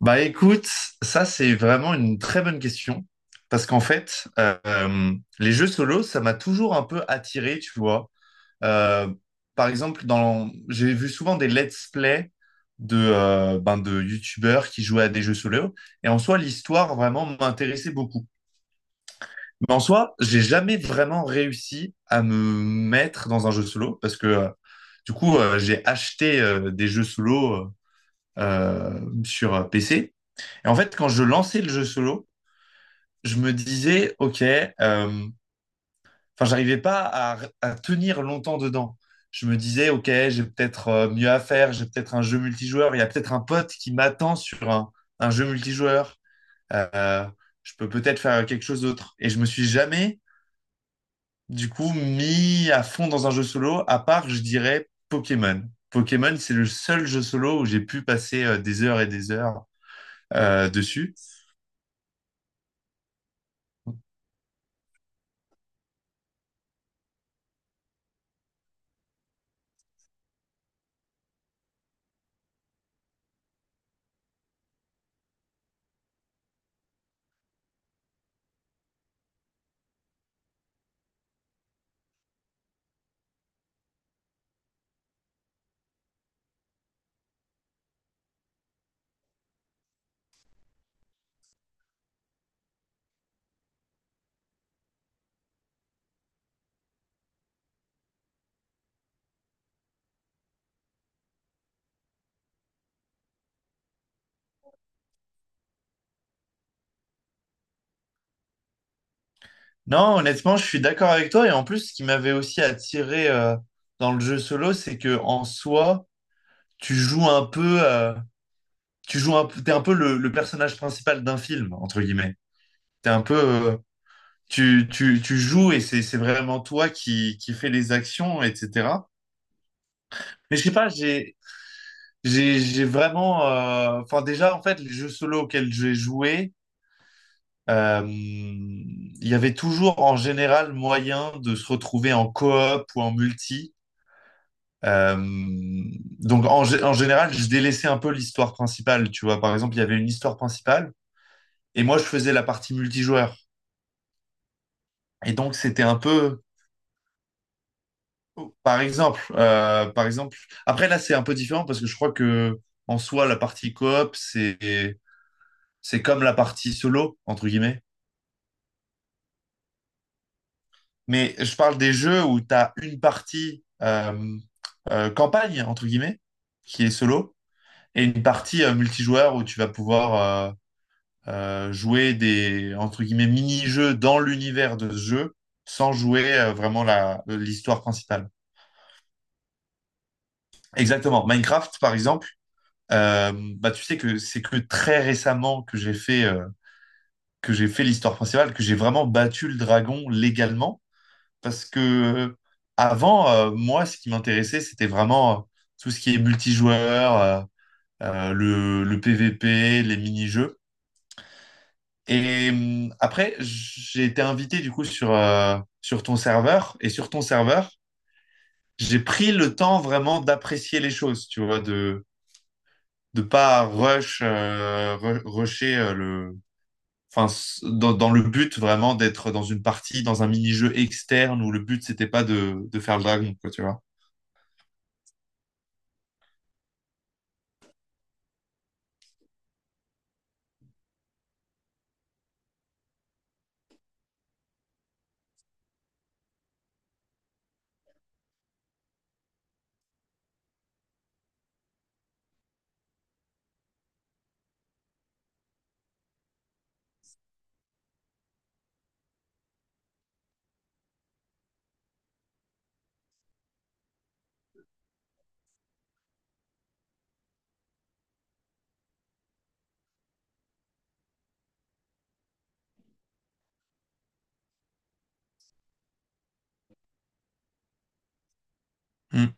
Bah écoute, ça c'est vraiment une très bonne question parce qu'en fait, les jeux solo, ça m'a toujours un peu attiré, tu vois. Euh, Par exemple, j'ai vu souvent des let's play de, de youtubeurs qui jouaient à des jeux solo et en soi, l'histoire vraiment m'intéressait beaucoup. Mais en soi, j'ai jamais vraiment réussi à me mettre dans un jeu solo parce que du coup, j'ai acheté des jeux solo sur PC. Et en fait, quand je lançais le jeu solo, je me disais, OK, enfin, j'arrivais pas à tenir longtemps dedans. Je me disais, OK, j'ai peut-être mieux à faire, j'ai peut-être un jeu multijoueur, il y a peut-être un pote qui m'attend sur un jeu multijoueur, Euh, je peux peut-être faire quelque chose d'autre. Et je me suis jamais, du coup, mis à fond dans un jeu solo, à part, je dirais, Pokémon. Pokémon, c'est le seul jeu solo où j'ai pu passer des heures et des heures dessus. Non, honnêtement, je suis d'accord avec toi. Et en plus, ce qui m'avait aussi attiré dans le jeu solo, c'est que en soi, tu joues un peu, t'es un peu le personnage principal d'un film, entre guillemets. T'es un peu, tu joues et c'est vraiment toi qui fais les actions, etc. Mais je sais pas, j'ai vraiment, enfin déjà, en fait, les jeux solo auxquels j'ai joué, il y avait toujours en général moyen de se retrouver en coop ou en multi. Euh, donc en général, je délaissais un peu l'histoire principale, tu vois. Par exemple, il y avait une histoire principale et moi, je faisais la partie multijoueur. Et donc, c'était un peu, par exemple, Après, là, c'est un peu différent parce que je crois que en soi, la partie coop, c'est comme la partie solo entre guillemets. Mais je parle des jeux où tu as une partie campagne entre guillemets qui est solo et une partie multijoueur où tu vas pouvoir jouer des entre guillemets mini-jeux dans l'univers de ce jeu sans jouer vraiment la l'histoire principale. Exactement. Minecraft, par exemple, euh, bah tu sais que c'est que très récemment que j'ai fait l'histoire principale, que j'ai vraiment battu le dragon légalement, parce que avant, moi, ce qui m'intéressait, c'était vraiment tout ce qui est multijoueur, le PVP, les mini-jeux. Et après, j'ai été invité du coup sur ton serveur. Et sur ton serveur, j'ai pris le temps vraiment d'apprécier les choses, tu vois, de pas rush, rusher le, enfin, dans le but vraiment d'être dans une partie, dans un mini-jeu externe où le but c'était pas de faire le dragon, quoi, tu vois. Hum,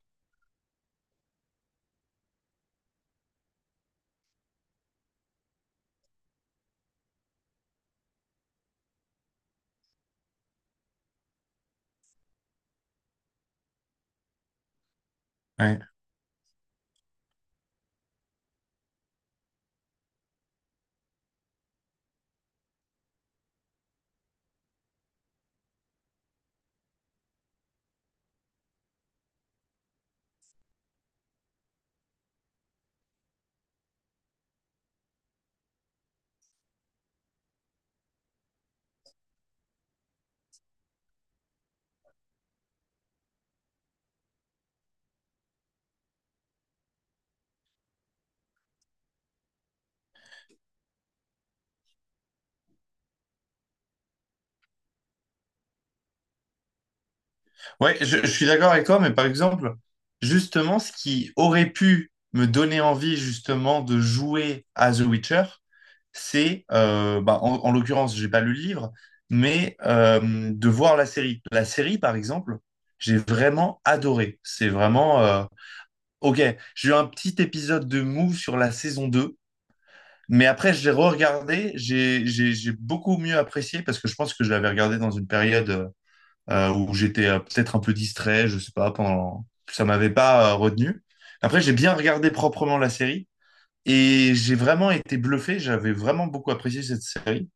ouais. Ouais, je suis d'accord avec toi, mais par exemple, justement, ce qui aurait pu me donner envie justement de jouer à The Witcher, c'est, bah, en l'occurrence, j'ai pas lu le livre, mais de voir la série. La série, par exemple, j'ai vraiment adoré. C'est vraiment, OK, j'ai eu un petit épisode de mou sur la saison 2, mais après, je l'ai re-regardé, j'ai beaucoup mieux apprécié parce que je pense que je l'avais regardé dans une période où j'étais peut-être un peu distrait, je sais pas, pendant ça m'avait pas retenu. Après, j'ai bien regardé proprement la série et j'ai vraiment été bluffé, j'avais vraiment beaucoup apprécié cette série.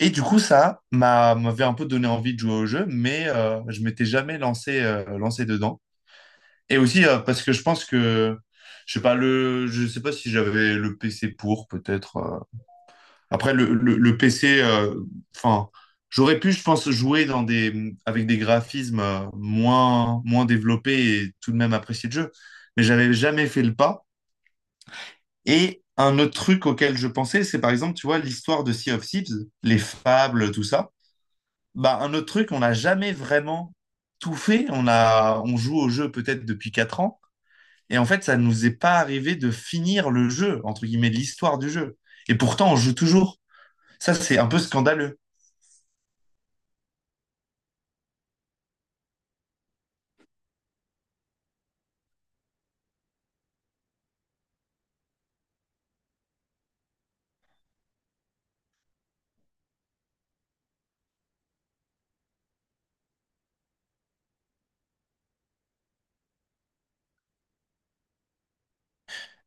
Et du coup, ça m'avait un peu donné envie de jouer au jeu, mais je m'étais jamais lancé dedans. Et aussi parce que je pense que je sais pas le je sais pas si j'avais le PC pour peut-être après, le PC, enfin, j'aurais pu, je pense, jouer dans des, avec des graphismes moins développés et tout de même apprécier le jeu. Mais j'avais jamais fait le pas. Et un autre truc auquel je pensais, c'est par exemple, tu vois, l'histoire de Sea of Thieves, les fables, tout ça. Bah, un autre truc, on n'a jamais vraiment tout fait. On joue au jeu peut-être depuis 4 ans. Et en fait, ça nous est pas arrivé de finir le jeu, entre guillemets, l'histoire du jeu. Et pourtant, on joue toujours. Ça, c'est un peu scandaleux.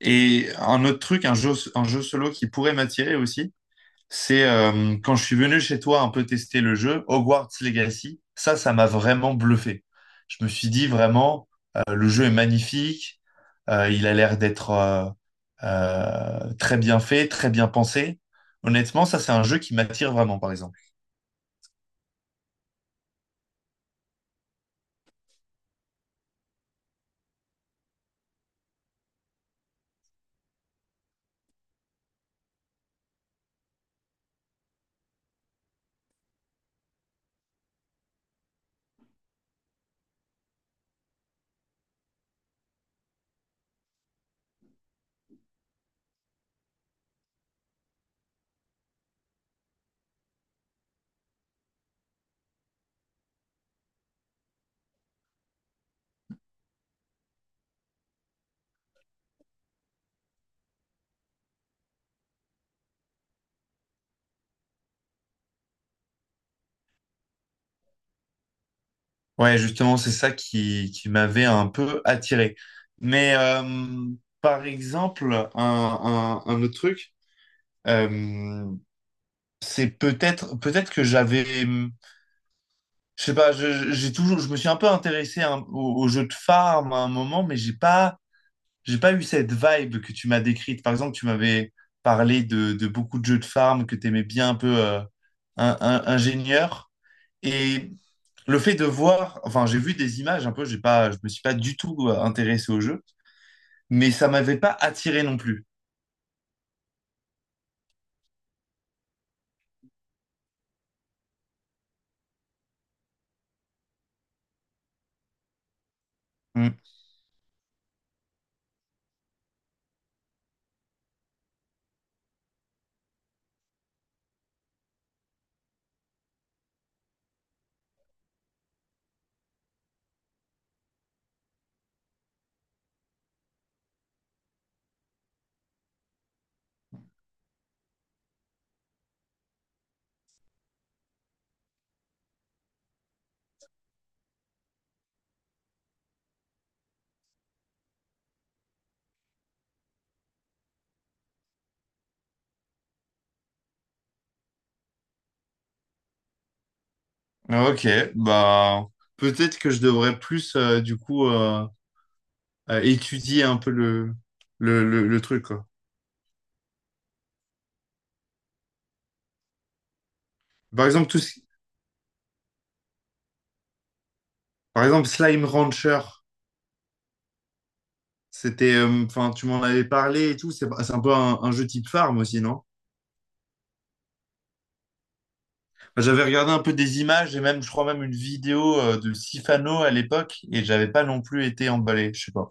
Et un autre truc, un jeu solo qui pourrait m'attirer aussi, c'est quand je suis venu chez toi un peu tester le jeu, Hogwarts Legacy, ça m'a vraiment bluffé. Je me suis dit vraiment, le jeu est magnifique, il a l'air d'être très bien fait, très bien pensé. Honnêtement, ça, c'est un jeu qui m'attire vraiment, par exemple. Ouais, justement, c'est ça qui m'avait un peu attiré. Mais par exemple, un autre truc, euh, c'est peut-être que j'avais je sais pas j'ai toujours je me suis un peu intéressé à au jeu de farm à un moment mais j'ai pas eu cette vibe que tu m'as décrite, par exemple tu m'avais parlé de beaucoup de jeux de farm que tu aimais bien un peu ingénieur et le fait de voir, enfin j'ai vu des images, un peu j'ai pas, je me suis pas du tout intéressé au jeu mais ça m'avait pas attiré non plus. Hmm. OK, bah peut-être que je devrais plus du coup, étudier un peu le truc, quoi. Par exemple, par exemple, Slime Rancher, c'était, enfin, tu m'en avais parlé et tout, c'est un peu un jeu type farm aussi, non? Enfin, j'avais regardé un peu des images et même, je crois même une vidéo de Sifano à l'époque et j'avais pas non plus été emballé, je sais pas.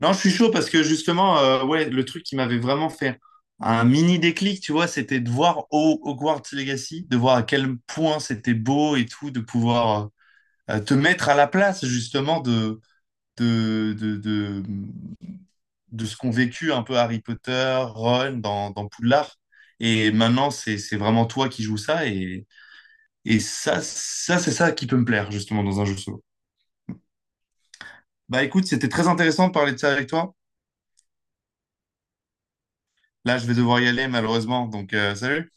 Non, je suis chaud parce que justement, ouais, le truc qui m'avait vraiment fait un mini déclic, tu vois, c'était de voir Hogwarts Legacy, de voir à quel point c'était beau et tout, de pouvoir te mettre à la place justement de, de, de, de ce qu'ont vécu un peu Harry Potter, Ron dans, dans Poudlard. Et maintenant, c'est vraiment toi qui joues ça. Et ça, ça c'est ça qui peut me plaire, justement, dans un jeu solo. Bah écoute, c'était très intéressant de parler de ça avec toi. Là, je vais devoir y aller, malheureusement. Donc, salut.